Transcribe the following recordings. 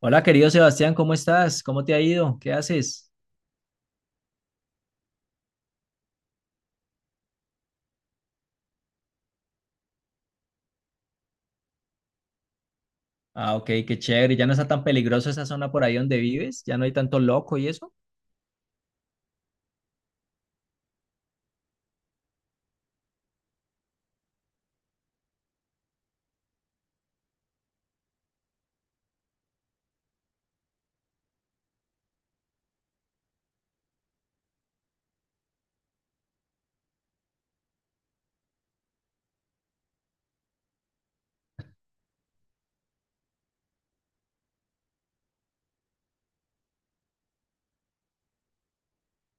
Hola, querido Sebastián, ¿cómo estás? ¿Cómo te ha ido? ¿Qué haces? Ah, ok, qué chévere. ¿Ya no está tan peligroso esa zona por ahí donde vives? ¿Ya no hay tanto loco y eso?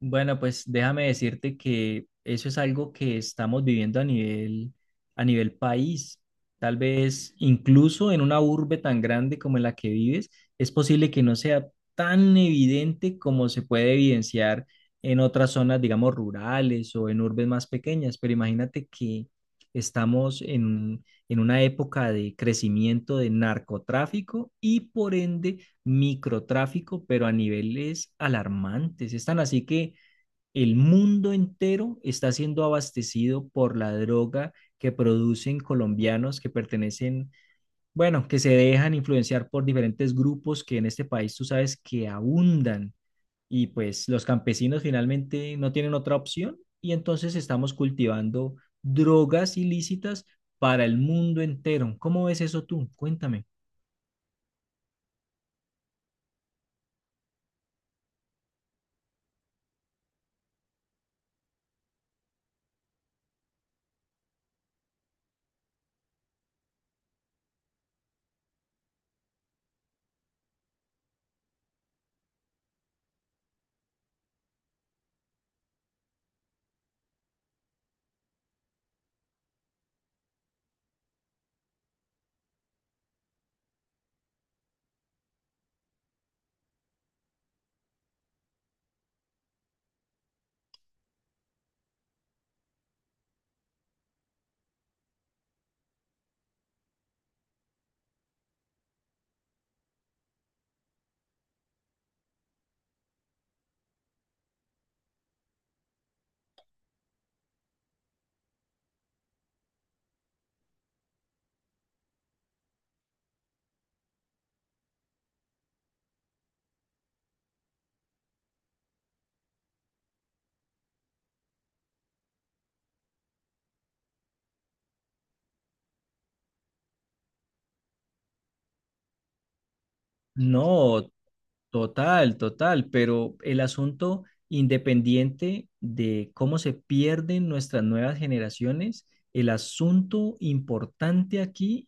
Bueno, pues déjame decirte que eso es algo que estamos viviendo a nivel país. Tal vez incluso en una urbe tan grande como en la que vives, es posible que no sea tan evidente como se puede evidenciar en otras zonas, digamos, rurales o en urbes más pequeñas. Pero imagínate que en una época de crecimiento de narcotráfico y por ende microtráfico, pero a niveles alarmantes. Están así que el mundo entero está siendo abastecido por la droga que producen colombianos que pertenecen, bueno, que se dejan influenciar por diferentes grupos que en este país tú sabes que abundan y pues los campesinos finalmente no tienen otra opción y entonces estamos cultivando drogas ilícitas para el mundo entero. ¿Cómo ves eso tú? Cuéntame. No. Total, total, pero el asunto independiente de cómo se pierden nuestras nuevas generaciones, el asunto importante aquí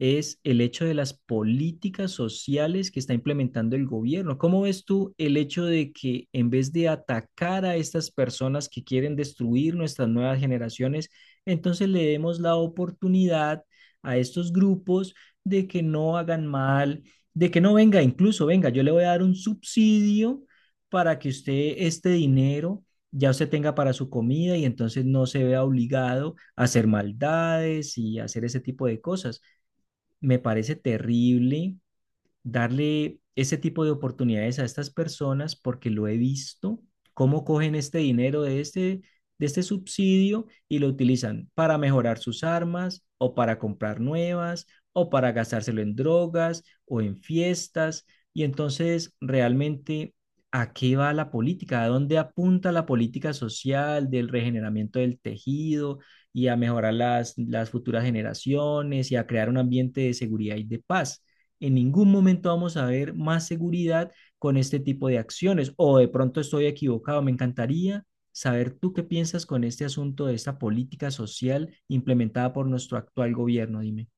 es el hecho de las políticas sociales que está implementando el gobierno. ¿Cómo ves tú el hecho de que en vez de atacar a estas personas que quieren destruir nuestras nuevas generaciones, entonces le demos la oportunidad a estos grupos de que no hagan mal? De que no venga, incluso venga, yo le voy a dar un subsidio para que usted este dinero ya usted tenga para su comida y entonces no se vea obligado a hacer maldades y hacer ese tipo de cosas. Me parece terrible darle ese tipo de oportunidades a estas personas porque lo he visto, cómo cogen este dinero de este subsidio y lo utilizan para mejorar sus armas o para comprar nuevas o para gastárselo en drogas o en fiestas. Y entonces, realmente, ¿a qué va la política? ¿A dónde apunta la política social del regeneramiento del tejido y a mejorar las futuras generaciones y a crear un ambiente de seguridad y de paz? En ningún momento vamos a ver más seguridad con este tipo de acciones. O de pronto estoy equivocado. Me encantaría saber tú qué piensas con este asunto de esta política social implementada por nuestro actual gobierno. Dime.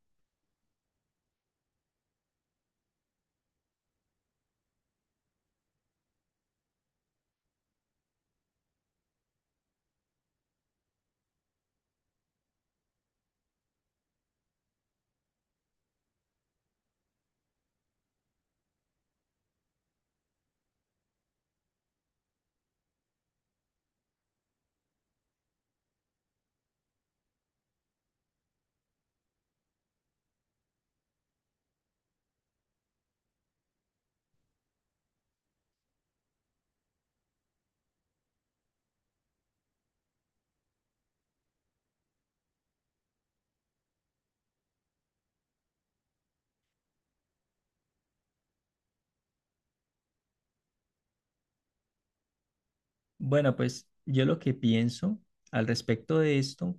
Bueno, pues yo lo que pienso al respecto de esto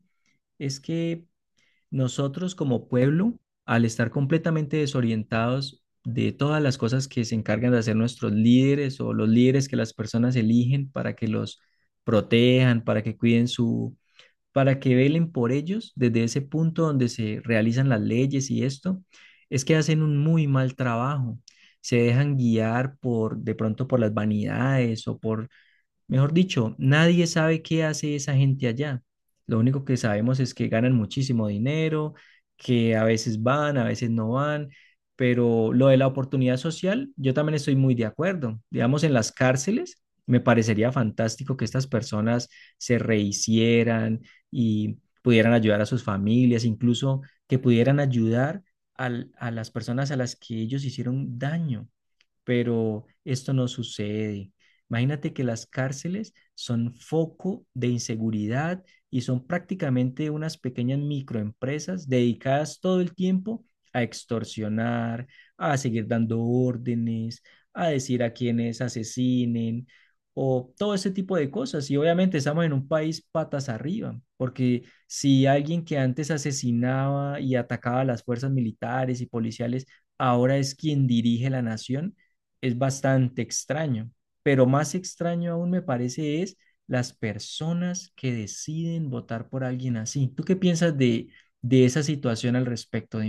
es que nosotros como pueblo, al estar completamente desorientados de todas las cosas que se encargan de hacer nuestros líderes o los líderes que las personas eligen para que los protejan, para que cuiden su, para que velen por ellos desde ese punto donde se realizan las leyes y esto, es que hacen un muy mal trabajo. Se dejan guiar por, de pronto por las vanidades o por... Mejor dicho, nadie sabe qué hace esa gente allá. Lo único que sabemos es que ganan muchísimo dinero, que a veces van, a veces no van, pero lo de la oportunidad social, yo también estoy muy de acuerdo. Digamos, en las cárceles, me parecería fantástico que estas personas se rehicieran y pudieran ayudar a sus familias, incluso que pudieran ayudar a las personas a las que ellos hicieron daño, pero esto no sucede. Imagínate que las cárceles son foco de inseguridad y son prácticamente unas pequeñas microempresas dedicadas todo el tiempo a extorsionar, a seguir dando órdenes, a decir a quienes asesinen o todo ese tipo de cosas. Y obviamente estamos en un país patas arriba, porque si alguien que antes asesinaba y atacaba a las fuerzas militares y policiales ahora es quien dirige la nación, es bastante extraño, pero más extraño aún me parece es las personas que deciden votar por alguien así. ¿Tú qué piensas de esa situación al respecto?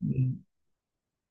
Dime.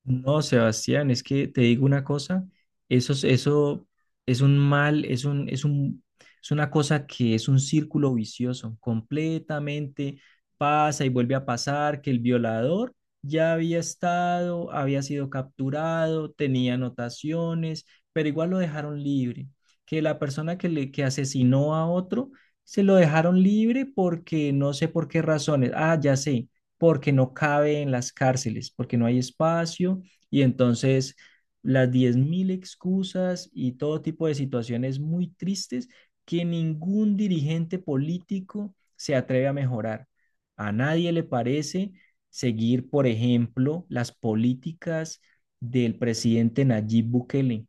No, Sebastián, es que te digo una cosa, eso es un mal, es una cosa que es un círculo vicioso, completamente pasa y vuelve a pasar que el violador ya había estado, había sido capturado, tenía anotaciones, pero igual lo dejaron libre, que la persona que asesinó a otro se lo dejaron libre porque no sé por qué razones, ah, ya sé, porque no cabe en las cárceles, porque no hay espacio y entonces las 10.000 excusas y todo tipo de situaciones muy tristes que ningún dirigente político se atreve a mejorar. A nadie le parece seguir, por ejemplo, las políticas del presidente Nayib Bukele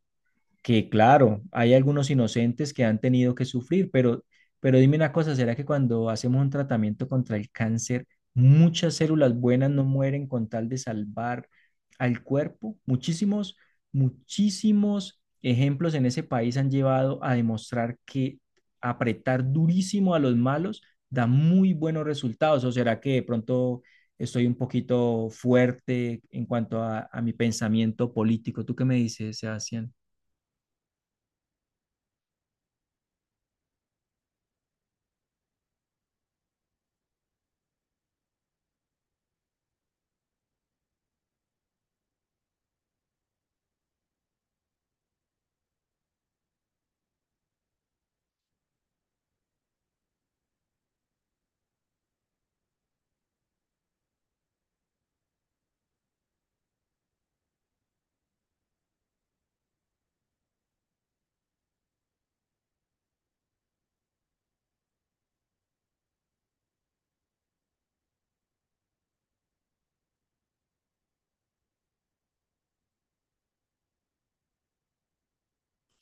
que, claro, hay algunos inocentes que han tenido que sufrir, pero dime una cosa, ¿será que cuando hacemos un tratamiento contra el cáncer, muchas células buenas no mueren con tal de salvar al cuerpo? Muchísimos, muchísimos ejemplos en ese país han llevado a demostrar que apretar durísimo a los malos da muy buenos resultados, o será que de pronto... Estoy un poquito fuerte en cuanto a mi pensamiento político. ¿Tú qué me dices, Sebastián?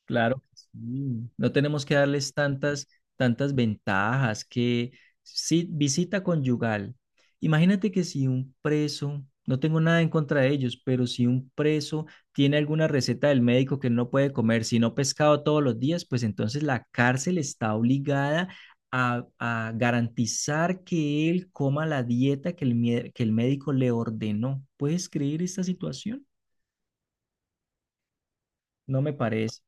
Claro que sí. No tenemos que darles tantas, tantas ventajas que si, visita conyugal. Imagínate que si un preso, no tengo nada en contra de ellos, pero si un preso tiene alguna receta del médico que no puede comer, si no pescado todos los días, pues entonces la cárcel está obligada a garantizar que él coma la dieta que que el médico le ordenó. ¿Puedes creer esta situación? No me parece.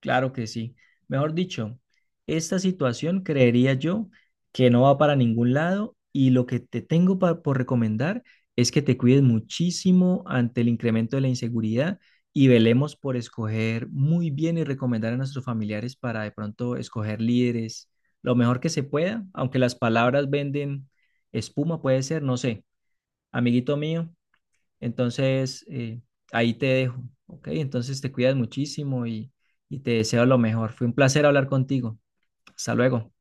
Claro que sí. Mejor dicho, esta situación creería yo que no va para ningún lado y lo que te tengo por recomendar es que te cuides muchísimo ante el incremento de la inseguridad y velemos por escoger muy bien y recomendar a nuestros familiares para de pronto escoger líderes lo mejor que se pueda, aunque las palabras venden espuma, puede ser, no sé, amiguito mío. Entonces, ahí te dejo, ¿ok? Entonces te cuidas muchísimo y te deseo lo mejor. Fue un placer hablar contigo. Hasta luego.